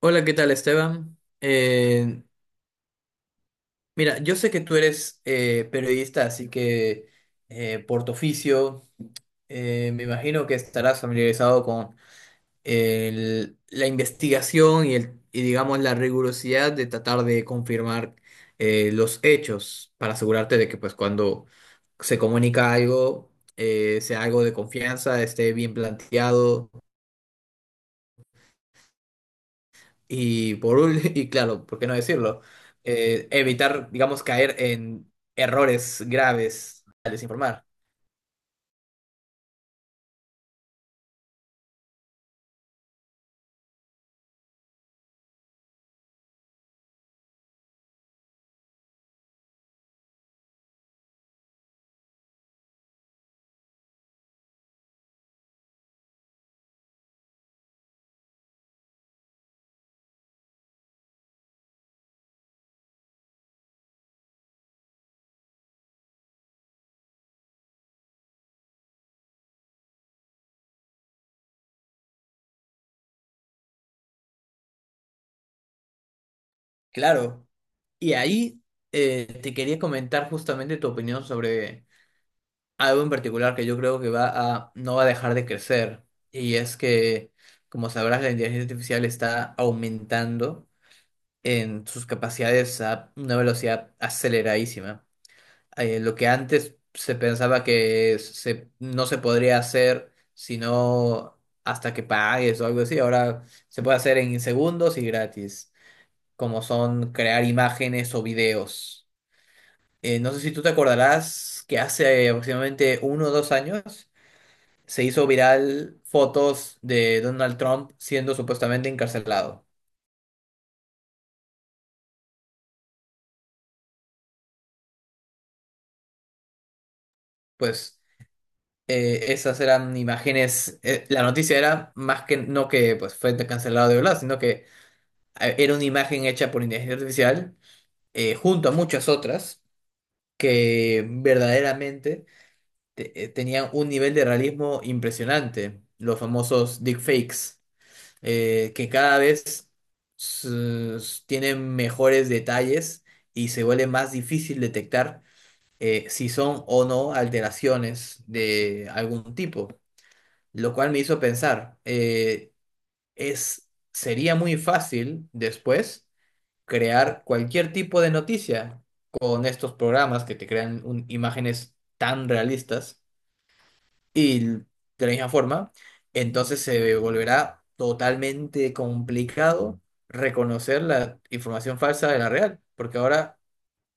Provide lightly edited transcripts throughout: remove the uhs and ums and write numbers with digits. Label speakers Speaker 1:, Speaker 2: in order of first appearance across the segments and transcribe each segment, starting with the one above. Speaker 1: Hola, ¿qué tal, Esteban? Mira, yo sé que tú eres periodista, así que por tu oficio, me imagino que estarás familiarizado con la investigación y, el, y, digamos, la rigurosidad de tratar de confirmar los hechos para asegurarte de que, pues, cuando se comunica algo, sea algo de confianza, esté bien planteado. Y claro, ¿por qué no decirlo? Evitar, digamos, caer en errores graves al desinformar. Claro. Y ahí te quería comentar justamente tu opinión sobre algo en particular que yo creo que no va a dejar de crecer. Y es que, como sabrás, la inteligencia artificial está aumentando en sus capacidades a una velocidad aceleradísima. Lo que antes se pensaba que no se podría hacer sino hasta que pagues o algo así, ahora se puede hacer en segundos y gratis, como son crear imágenes o videos. No sé si tú te acordarás que hace aproximadamente 1 o 2 años se hizo viral fotos de Donald Trump siendo supuestamente encarcelado. Pues esas eran imágenes, la noticia era más que no que pues, fue cancelado de verdad, sino que era una imagen hecha por inteligencia artificial, junto a muchas otras, que verdaderamente tenían un nivel de realismo impresionante, los famosos deepfakes, que cada vez s- tienen mejores detalles y se vuelve más difícil detectar si son o no alteraciones de algún tipo, lo cual me hizo pensar, sería muy fácil después crear cualquier tipo de noticia con estos programas que te crean imágenes tan realistas y de la misma forma. Entonces se volverá totalmente complicado reconocer la información falsa de la real, porque ahora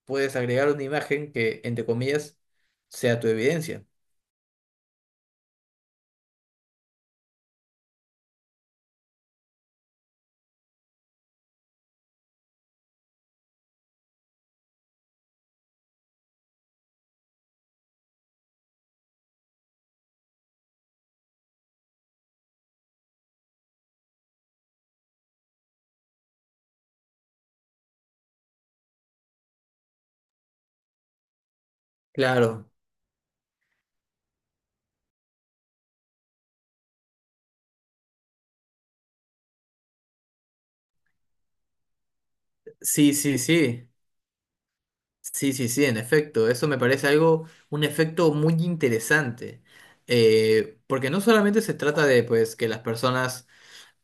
Speaker 1: puedes agregar una imagen que, entre comillas, sea tu evidencia. Claro, sí, sí, sí. Sí, sí, sí, en efecto, eso me parece algo, un efecto muy interesante, porque no solamente se trata de pues que las personas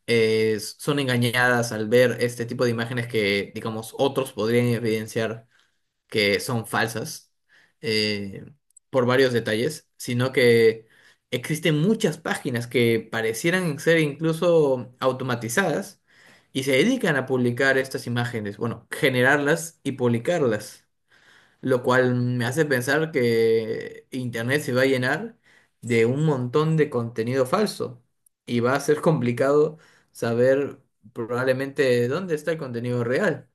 Speaker 1: son engañadas al ver este tipo de imágenes que, digamos, otros podrían evidenciar que son falsas eh, por varios detalles, sino que existen muchas páginas que parecieran ser incluso automatizadas y se dedican a publicar estas imágenes, bueno, generarlas y publicarlas, lo cual me hace pensar que Internet se va a llenar de un montón de contenido falso y va a ser complicado saber probablemente dónde está el contenido real.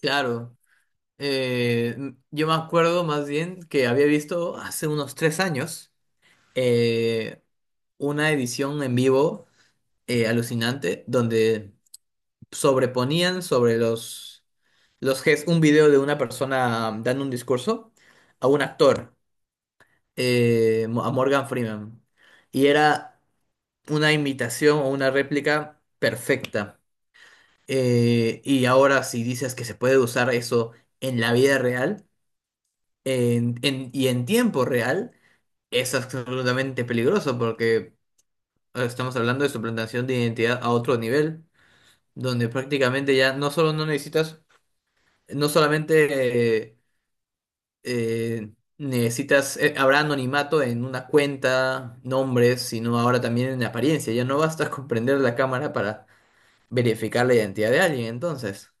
Speaker 1: Claro, yo me acuerdo más bien que había visto hace unos 3 años eh, una edición en vivo alucinante donde sobreponían sobre los, un video de una persona dando un discurso a un actor, a Morgan Freeman. Y era una imitación o una réplica perfecta. Y ahora, si dices que se puede usar eso en la vida real, y en tiempo real, es absolutamente peligroso, porque estamos hablando de suplantación de identidad a otro nivel, donde prácticamente ya no solo no necesitas, no solamente, eh, necesitas, habrá anonimato en una cuenta, nombres, sino ahora también en apariencia. Ya no basta con prender la cámara para verificar la identidad de alguien, entonces.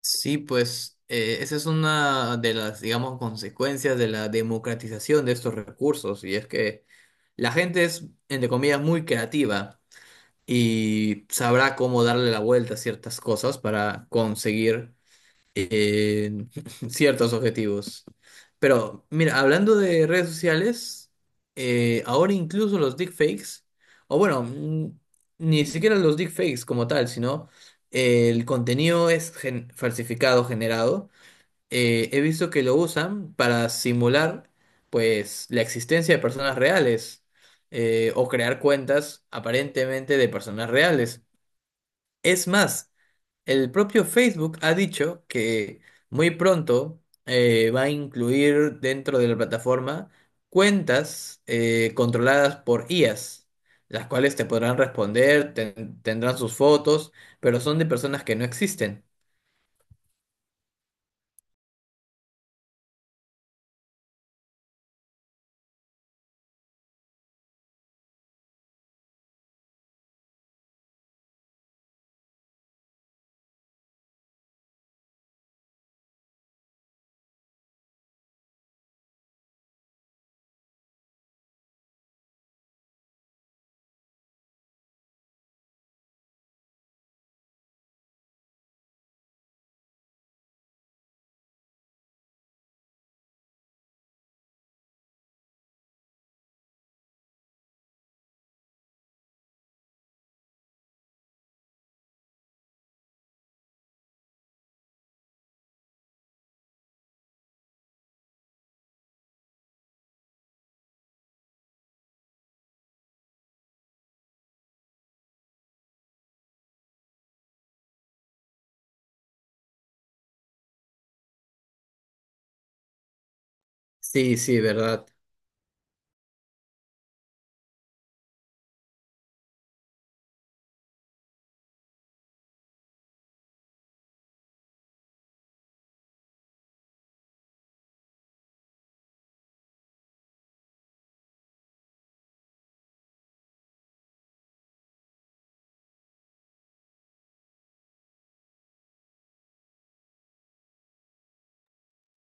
Speaker 1: Sí, pues esa es una de las, digamos, consecuencias de la democratización de estos recursos, y es que la gente es, entre comillas, muy creativa y sabrá cómo darle la vuelta a ciertas cosas para conseguir eh, ciertos objetivos. Pero mira, hablando de redes sociales, ahora incluso los deepfakes, o bueno, ni siquiera los deepfakes como tal, sino el contenido es falsificado, generado. He visto que lo usan para simular pues la existencia de personas reales, o crear cuentas aparentemente de personas reales. Es más, el propio Facebook ha dicho que muy pronto va a incluir dentro de la plataforma cuentas controladas por IAs, las cuales te podrán responder, tendrán sus fotos, pero son de personas que no existen. Sí, sí, verdad.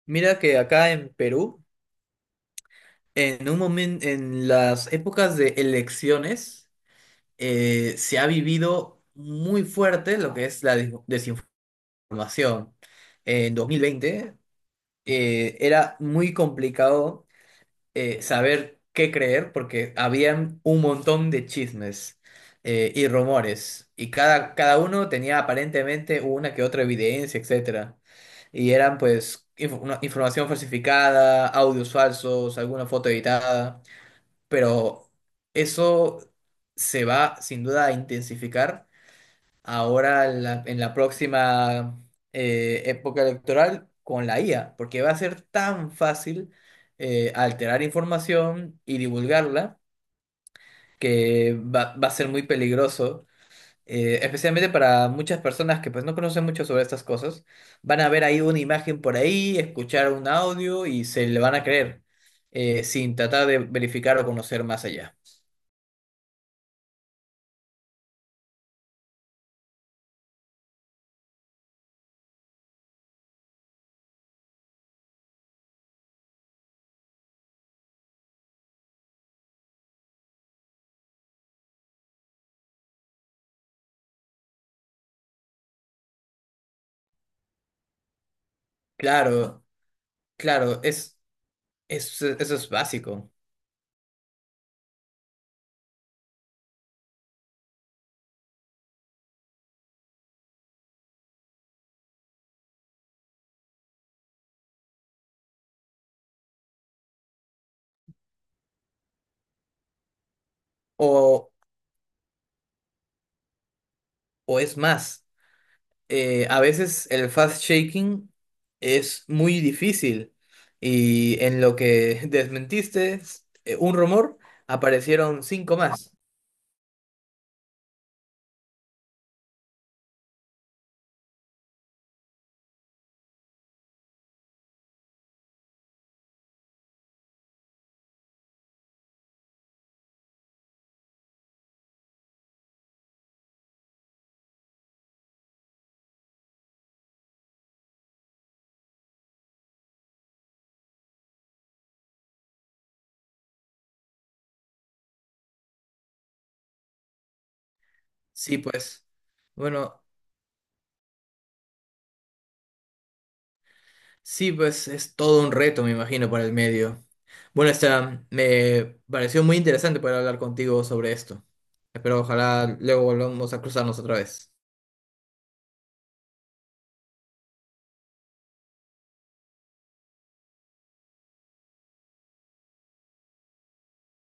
Speaker 1: Mira que acá en Perú, en un momento, en las épocas de elecciones, se ha vivido muy fuerte lo que es la desinformación. En 2020 era muy complicado saber qué creer, porque habían un montón de chismes y rumores, y cada uno tenía aparentemente una que otra evidencia, etcétera. Y eran pues información falsificada, audios falsos, alguna foto editada, pero eso se va sin duda a intensificar ahora en en la próxima época electoral con la IA, porque va a ser tan fácil alterar información y divulgarla, que va a ser muy peligroso, especialmente para muchas personas que pues no conocen mucho sobre estas cosas. Van a ver ahí una imagen por ahí, escuchar un audio y se le van a creer sin tratar de verificar o conocer más allá. Claro, claro, es, eso es básico. O, o, es más, a veces el fast shaking es muy difícil, y en lo que desmentiste un rumor, aparecieron cinco más. Sí, pues. Bueno, sí, pues es todo un reto, me imagino, para el medio. Bueno, Esteban, me pareció muy interesante poder hablar contigo sobre esto. Espero ojalá luego volvamos a cruzarnos otra vez.